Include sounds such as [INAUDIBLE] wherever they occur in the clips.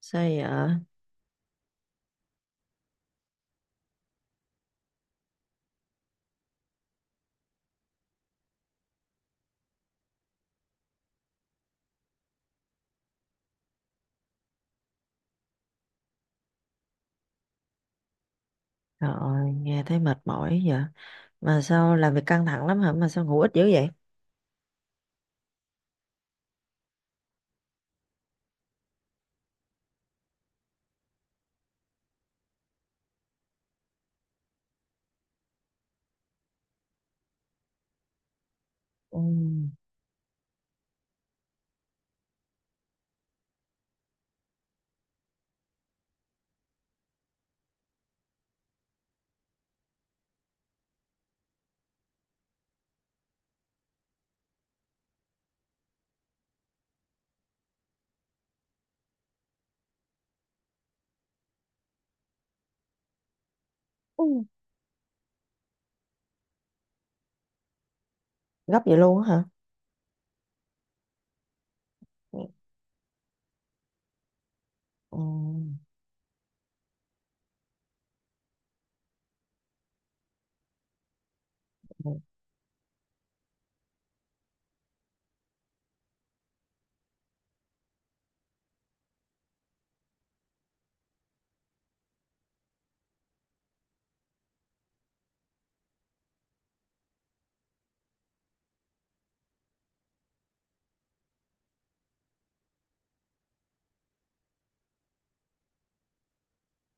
Sao vậy ạ? Trời ơi, nghe thấy mệt mỏi vậy. Mà sao làm việc căng thẳng lắm hả? Mà sao ngủ ít dữ vậy? Ừ. Ừ. Gấp vậy luôn á hả? Ừ. Ừ.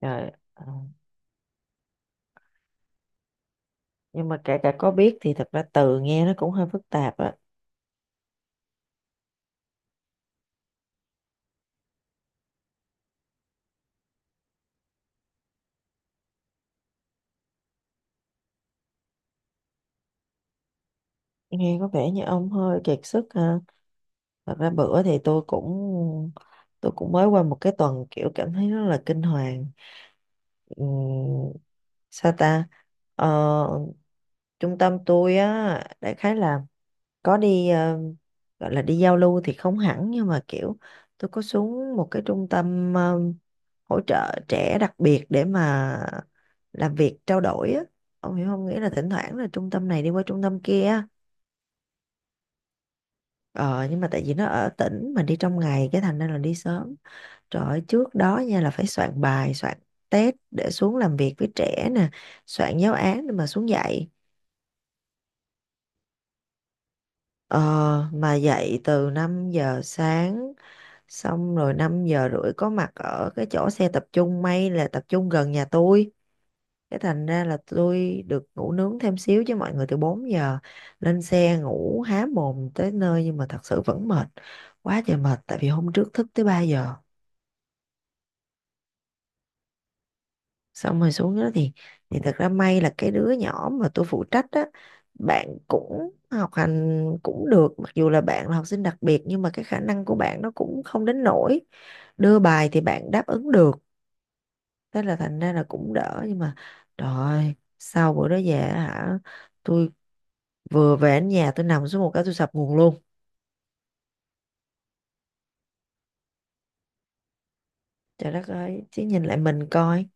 Trời, ờ. Nhưng mà kể cả có biết thì thật ra từ nghe nó cũng hơi phức tạp á. Nghe có vẻ như ông hơi kiệt sức ha. Thật ra bữa thì tôi cũng mới qua một cái tuần kiểu cảm thấy rất là kinh hoàng. Ừ. Sao ta? Ờ, trung tâm tôi á, đại khái là có đi gọi là đi giao lưu thì không hẳn, nhưng mà kiểu tôi có xuống một cái trung tâm hỗ trợ trẻ đặc biệt để mà làm việc trao đổi á. Ông hiểu không, nghĩa là thỉnh thoảng là trung tâm này đi qua trung tâm kia. Ờ nhưng mà tại vì nó ở tỉnh mà đi trong ngày, cái thành ra là đi sớm. Trời ơi, trước đó nha là phải soạn bài, soạn test để xuống làm việc với trẻ nè, soạn giáo án để mà xuống dạy. Ờ, mà dạy từ 5 giờ sáng. Xong rồi 5 giờ rưỡi có mặt ở cái chỗ xe tập trung, may là tập trung gần nhà tôi. Cái thành ra là tôi được ngủ nướng thêm xíu, chứ mọi người từ 4 giờ lên xe ngủ há mồm tới nơi, nhưng mà thật sự vẫn mệt. Quá trời mệt tại vì hôm trước thức tới 3 giờ. Xong rồi xuống đó thì thật ra may là cái đứa nhỏ mà tôi phụ trách á, bạn cũng học hành cũng được, mặc dù là bạn là học sinh đặc biệt nhưng mà cái khả năng của bạn nó cũng không đến nỗi, đưa bài thì bạn đáp ứng được, thế là thành ra là cũng đỡ. Nhưng mà trời ơi, sau bữa đó về á hả, tôi vừa về đến nhà tôi nằm xuống một cái tôi sập nguồn luôn. Trời đất ơi, chứ nhìn lại mình coi.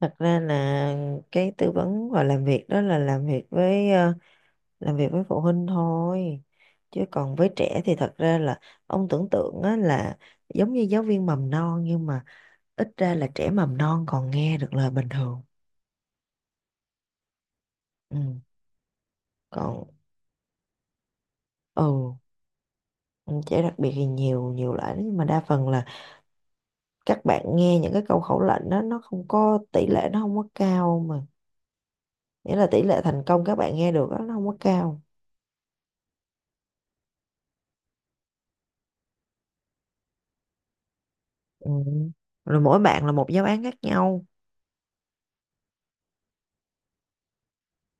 Thật ra là cái tư vấn và làm việc đó là làm việc với làm việc với phụ huynh thôi, chứ còn với trẻ thì thật ra là ông tưởng tượng á, là giống như giáo viên mầm non nhưng mà ít ra là trẻ mầm non còn nghe được lời bình thường. Ừ. Còn ừ trẻ đặc biệt thì nhiều nhiều loại lắm, nhưng mà đa phần là các bạn nghe những cái câu khẩu lệnh đó nó không có tỷ lệ, nó không có cao mà, nghĩa là tỷ lệ thành công các bạn nghe được đó, nó không có cao. Ừ. Rồi mỗi bạn là một giáo án khác nhau.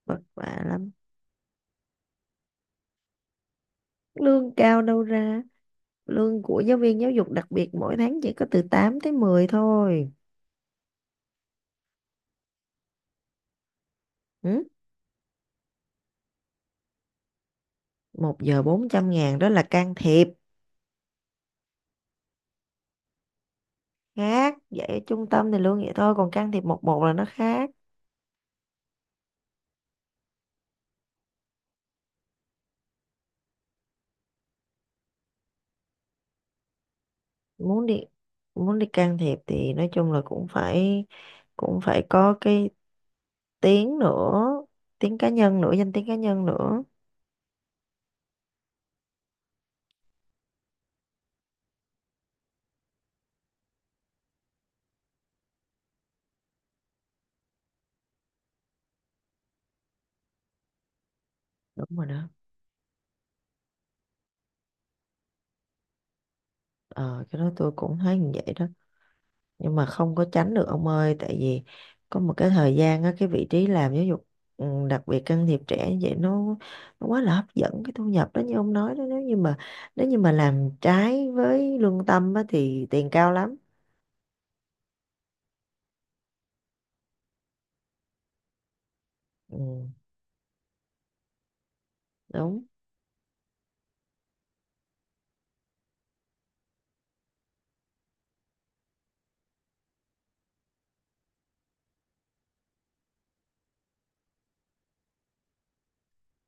Vất vả lắm. Lương cao đâu ra, lương của giáo viên giáo dục đặc biệt mỗi tháng chỉ có từ 8 tới mười thôi. Ừ? 1 giờ 400.000 đó là can thiệp. Khác vậy, ở trung tâm thì lương vậy thôi, còn can thiệp một một là nó khác. Muốn đi muốn đi can thiệp thì nói chung là cũng phải có cái tiếng nữa, tiếng cá nhân nữa, danh tiếng cá nhân nữa. Đúng rồi đó. Ờ cái đó tôi cũng thấy như vậy đó, nhưng mà không có tránh được ông ơi, tại vì có một cái thời gian á, cái vị trí làm giáo dục đặc biệt can thiệp trẻ như vậy nó quá là hấp dẫn cái thu nhập đó như ông nói đó, nếu như mà làm trái với lương tâm á, thì tiền cao lắm. Ừ, đúng.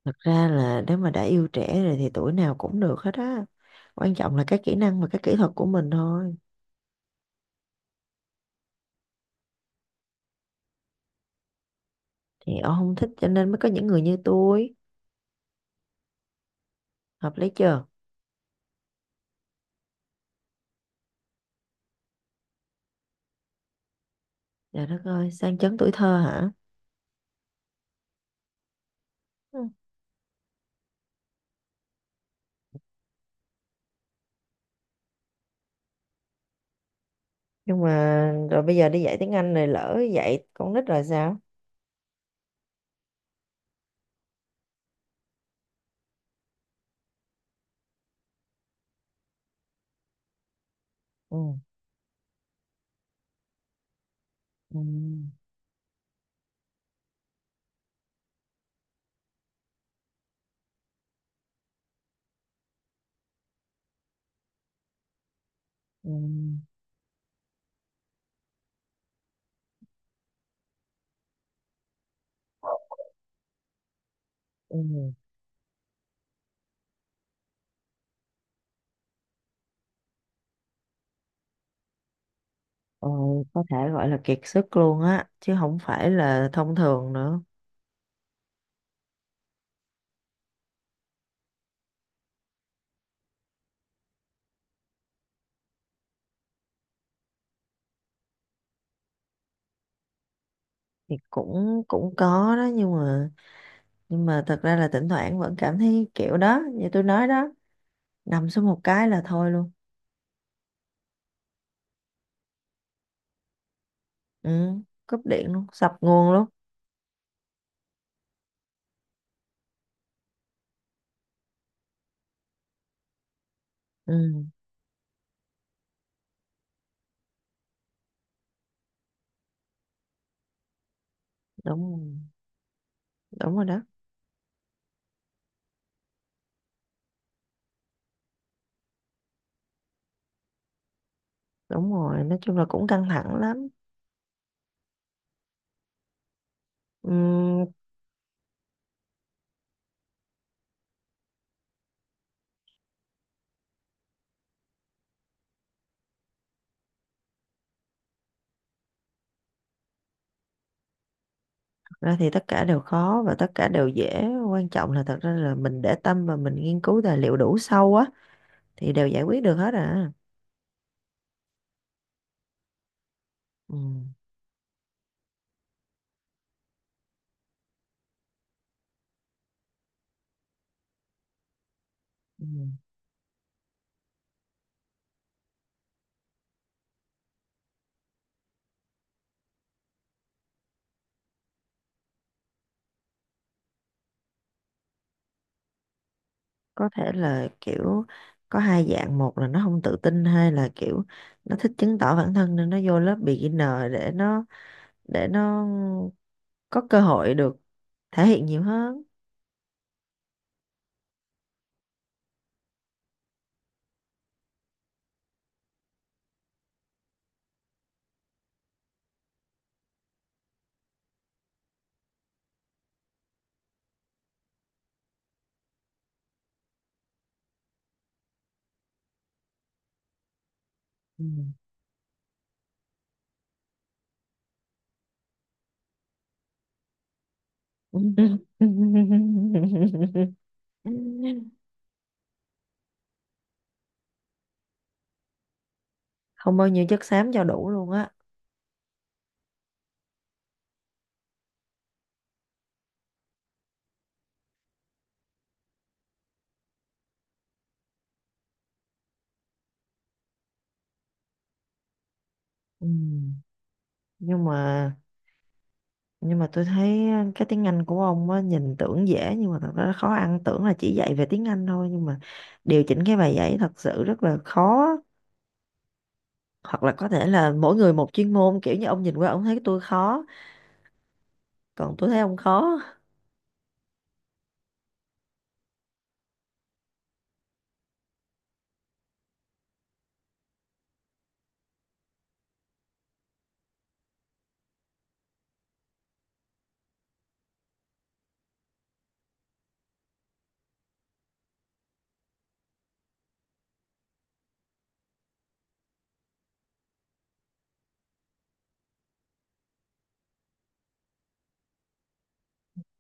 Thật ra là nếu mà đã yêu trẻ rồi thì tuổi nào cũng được hết á, quan trọng là cái kỹ năng và cái kỹ thuật của mình thôi. Thì ông không thích cho nên mới có những người như tôi, hợp lý chưa. Trời đất ơi, sang chấn tuổi thơ hả. Ừ. Nhưng mà rồi bây giờ đi dạy tiếng Anh này lỡ dạy con nít rồi sao. Ừ. Ừ. Ừ. Ừ. Ờ, có thể gọi là kiệt sức luôn á, chứ không phải là thông thường nữa. Thì cũng cũng có đó, nhưng mà thật ra là thỉnh thoảng vẫn cảm thấy kiểu đó như tôi nói đó, nằm xuống một cái là thôi luôn. Ừ. Cúp điện luôn, sập nguồn luôn. Ừ, đúng rồi. Đúng rồi đó. Đúng rồi, nói chung là cũng căng thẳng lắm. Ừm. Thật ra thì tất cả đều khó và tất cả đều dễ, quan trọng là thật ra là mình để tâm và mình nghiên cứu tài liệu đủ sâu á, thì đều giải quyết được hết à. Ừm. Ừm. Có thể là kiểu có hai dạng, một là nó không tự tin, hai là kiểu nó thích chứng tỏ bản thân nên nó vô lớp beginner để nó có cơ hội được thể hiện nhiều hơn. Ừm. [LAUGHS] Không bao nhiêu chất xám cho đủ luôn á. Ừ. nhưng mà nhưng mà tôi thấy cái tiếng Anh của ông á nhìn tưởng dễ nhưng mà thật ra khó ăn, tưởng là chỉ dạy về tiếng Anh thôi nhưng mà điều chỉnh cái bài giảng thật sự rất là khó. Hoặc là có thể là mỗi người một chuyên môn, kiểu như ông nhìn qua ông thấy tôi khó, còn tôi thấy ông khó.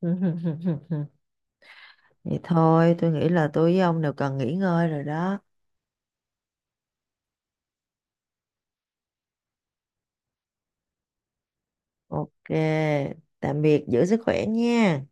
[LAUGHS] Vậy thôi tôi nghĩ là tôi với ông đều cần nghỉ ngơi rồi đó. OK, tạm biệt, giữ sức khỏe nha.